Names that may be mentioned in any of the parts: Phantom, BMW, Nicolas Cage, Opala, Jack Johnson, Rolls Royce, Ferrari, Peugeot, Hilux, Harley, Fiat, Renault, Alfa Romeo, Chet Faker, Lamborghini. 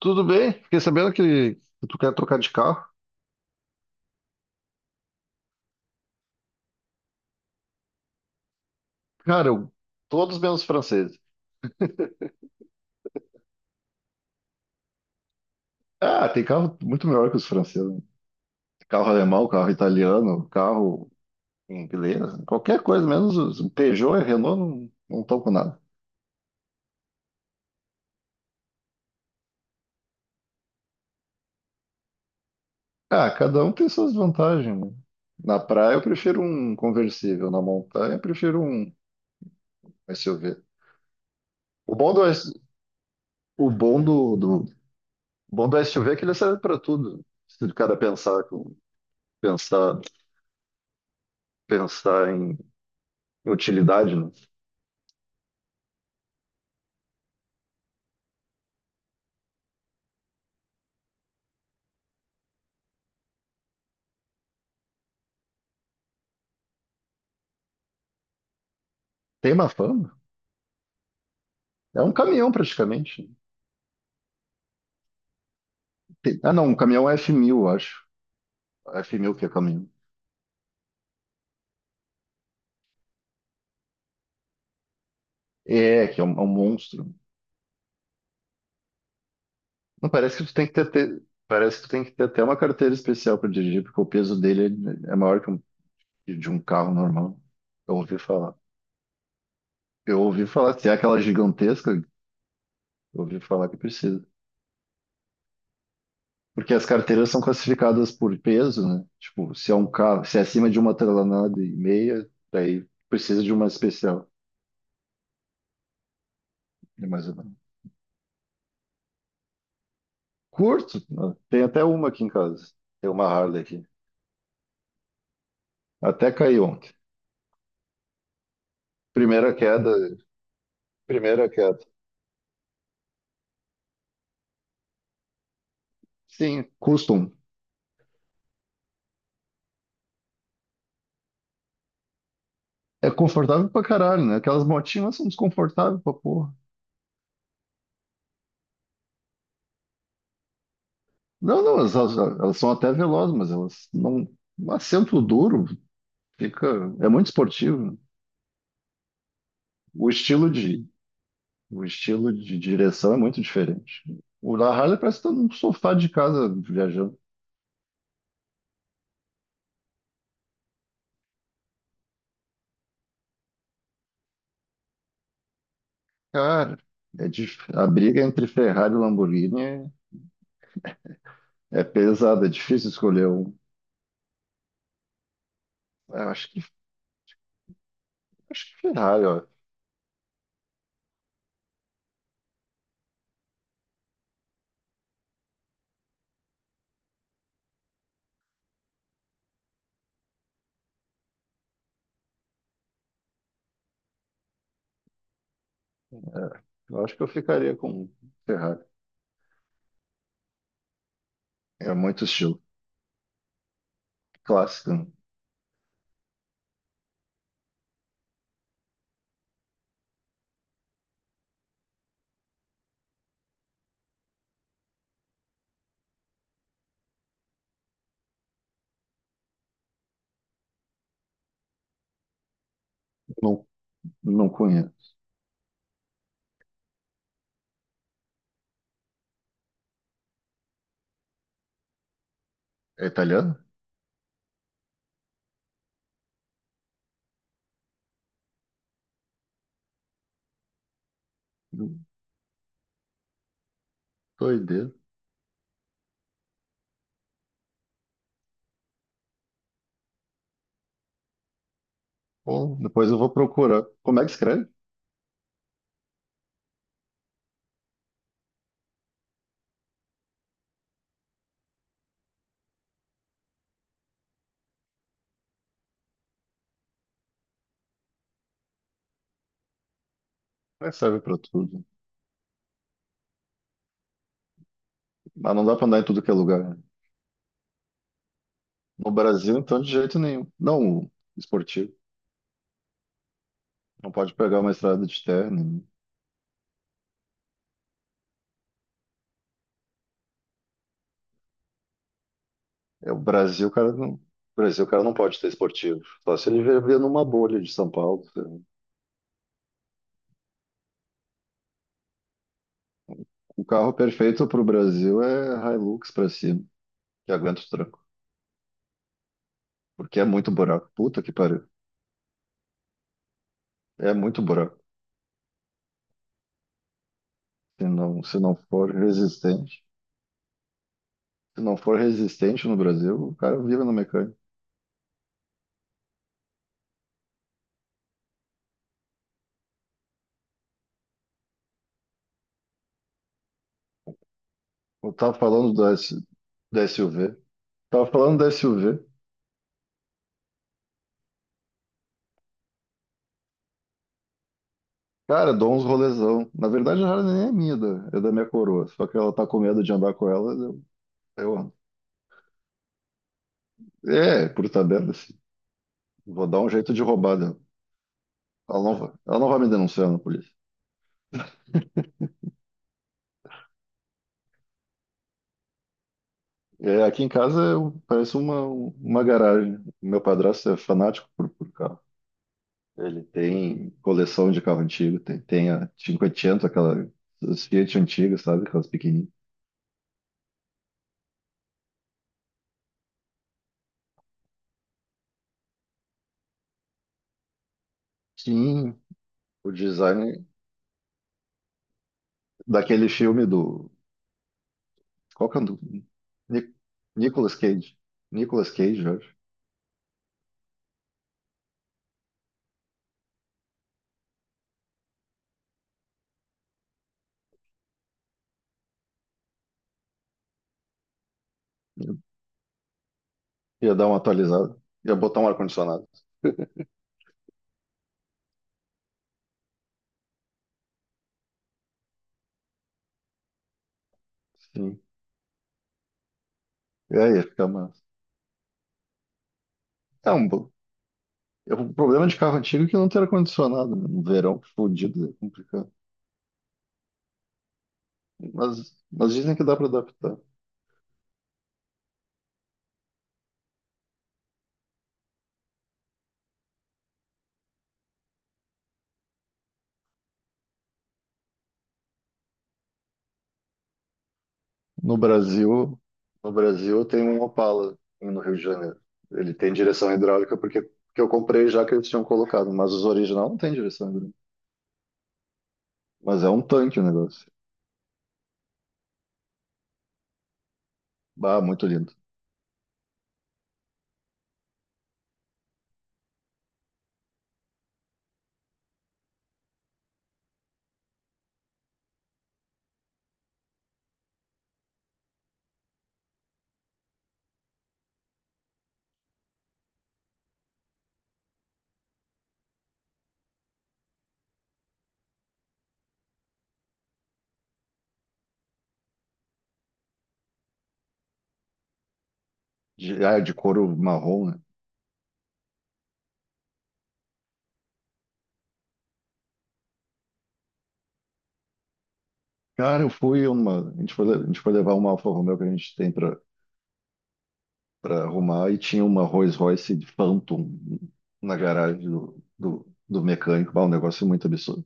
Tudo bem? Fiquei sabendo que tu quer trocar de carro. Cara, eu- Todos menos franceses. Ah, tem carro muito melhor que os franceses. Tem carro alemão, carro italiano, carro inglês, qualquer coisa, menos os Peugeot e Renault não estão com nada. Ah, cada um tem suas vantagens, né? Na praia eu prefiro um conversível, na montanha eu prefiro um s u v. O bom do, S- o bom do, do, o bom do s SUV é que ele serve para tudo. Se o cara pensar, pensar em utilidade, né? Tem uma fama? É um caminhão praticamente. Ah, não, um caminhão é f mil, eu acho. F mil que é caminhão. É, que é é um monstro. Não, parece que tu tem que parece que tu tem que ter até uma carteira especial para dirigir, porque o peso dele é maior que de um carro normal. Eu ouvi falar. Eu ouvi falar, se é aquela gigantesca, eu ouvi falar que precisa. Porque as carteiras são classificadas por peso, né? Tipo, se é um carro, se é acima de uma tonelada e meia, daí precisa de uma especial. É mais ou menos. Curto, né? Tem até uma aqui em casa. Tem uma Harley aqui. Até caiu ontem. Primeira queda, primeira queda. Sim, custom. É confortável pra caralho, né? Aquelas motinhas elas são desconfortáveis pra porra. Não, não, elas são até velozes, mas elas não. Um assento duro fica. É muito esportivo, né? O estilo de, o estilo de direção é muito diferente. O da Harley parece que tá num sofá de casa viajando. Cara, a briga entre Ferrari e Lamborghini é. É pesado, é difícil escolher um. Eu acho que, Acho que Ferrari, ó. Eu acho que eu ficaria com Ferrari. É muito estilo. Clássico, né? Não, não conheço. É italiano? Doideira. Bom, depois eu vou procurar. Como é que escreve? É, serve para tudo. Mas não dá para andar em tudo que é lugar, né? No Brasil, então, de jeito nenhum. Não, o esportivo. Não pode pegar uma estrada de terra. Nenhum. É o Brasil, o cara não. O Brasil, o cara não pode ter esportivo. Só se ele viver numa bolha de São Paulo, né? O carro perfeito para o Brasil é Hilux para cima, que aguenta os trancos. Porque é muito buraco. Puta que pariu. É muito buraco. Se não for resistente. Se não for resistente no Brasil, o cara vive no mecânico. Eu tava falando do S, da SUV. Tava falando da SUV. Cara, dou uns rolezão. Na verdade, ela nem é minha, é da minha coroa. Só que ela tá com medo de andar com ela. Eu ando. É, por tabela, assim. Vou dar um jeito de roubar dela. Ela não vai me denunciar na polícia. É, aqui em casa eu- parece uma garagem. Meu padrasto é fanático por carro. Ele tem coleção de carro antigo, tem a 500, aquela, os Fiat antigas, sabe? Aquelas pequenininhas. Sim, o design daquele filme do. Qual que é o do. Ni- Nicolas Cage. Nicolas Cage, eu acho. Ia dar uma atualizada. Ia botar um ar-condicionado. Sim. É, ia ficar massa. É um bom. O problema de carro antigo é que não tem ar-condicionado, né? No verão, fodido, é complicado. Mas dizem que dá para adaptar. No Brasil, no Brasil tem um Opala no Rio de Janeiro. Ele tem direção hidráulica porque eu comprei já que eles tinham colocado, mas os original não tem direção hidráulica. Mas é um tanque o negócio. Bah, muito lindo. De, ah, de couro marrom, né? Cara, eu fui uma. A gente foi, a gente foi levar uma Alfa Romeo que a gente tem para arrumar e tinha uma Rolls Royce de Phantom na garagem do mecânico. Bah, um negócio muito absurdo.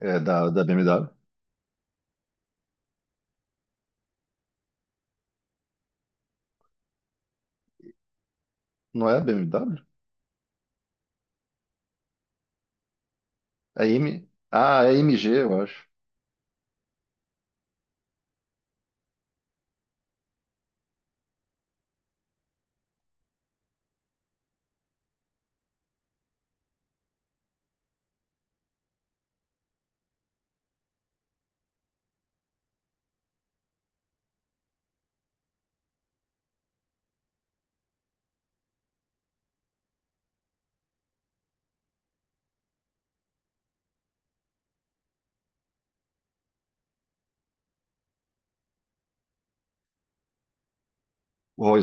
É da BMW. Não é a BMW? A M... Ah, é M G, eu acho. O Rolls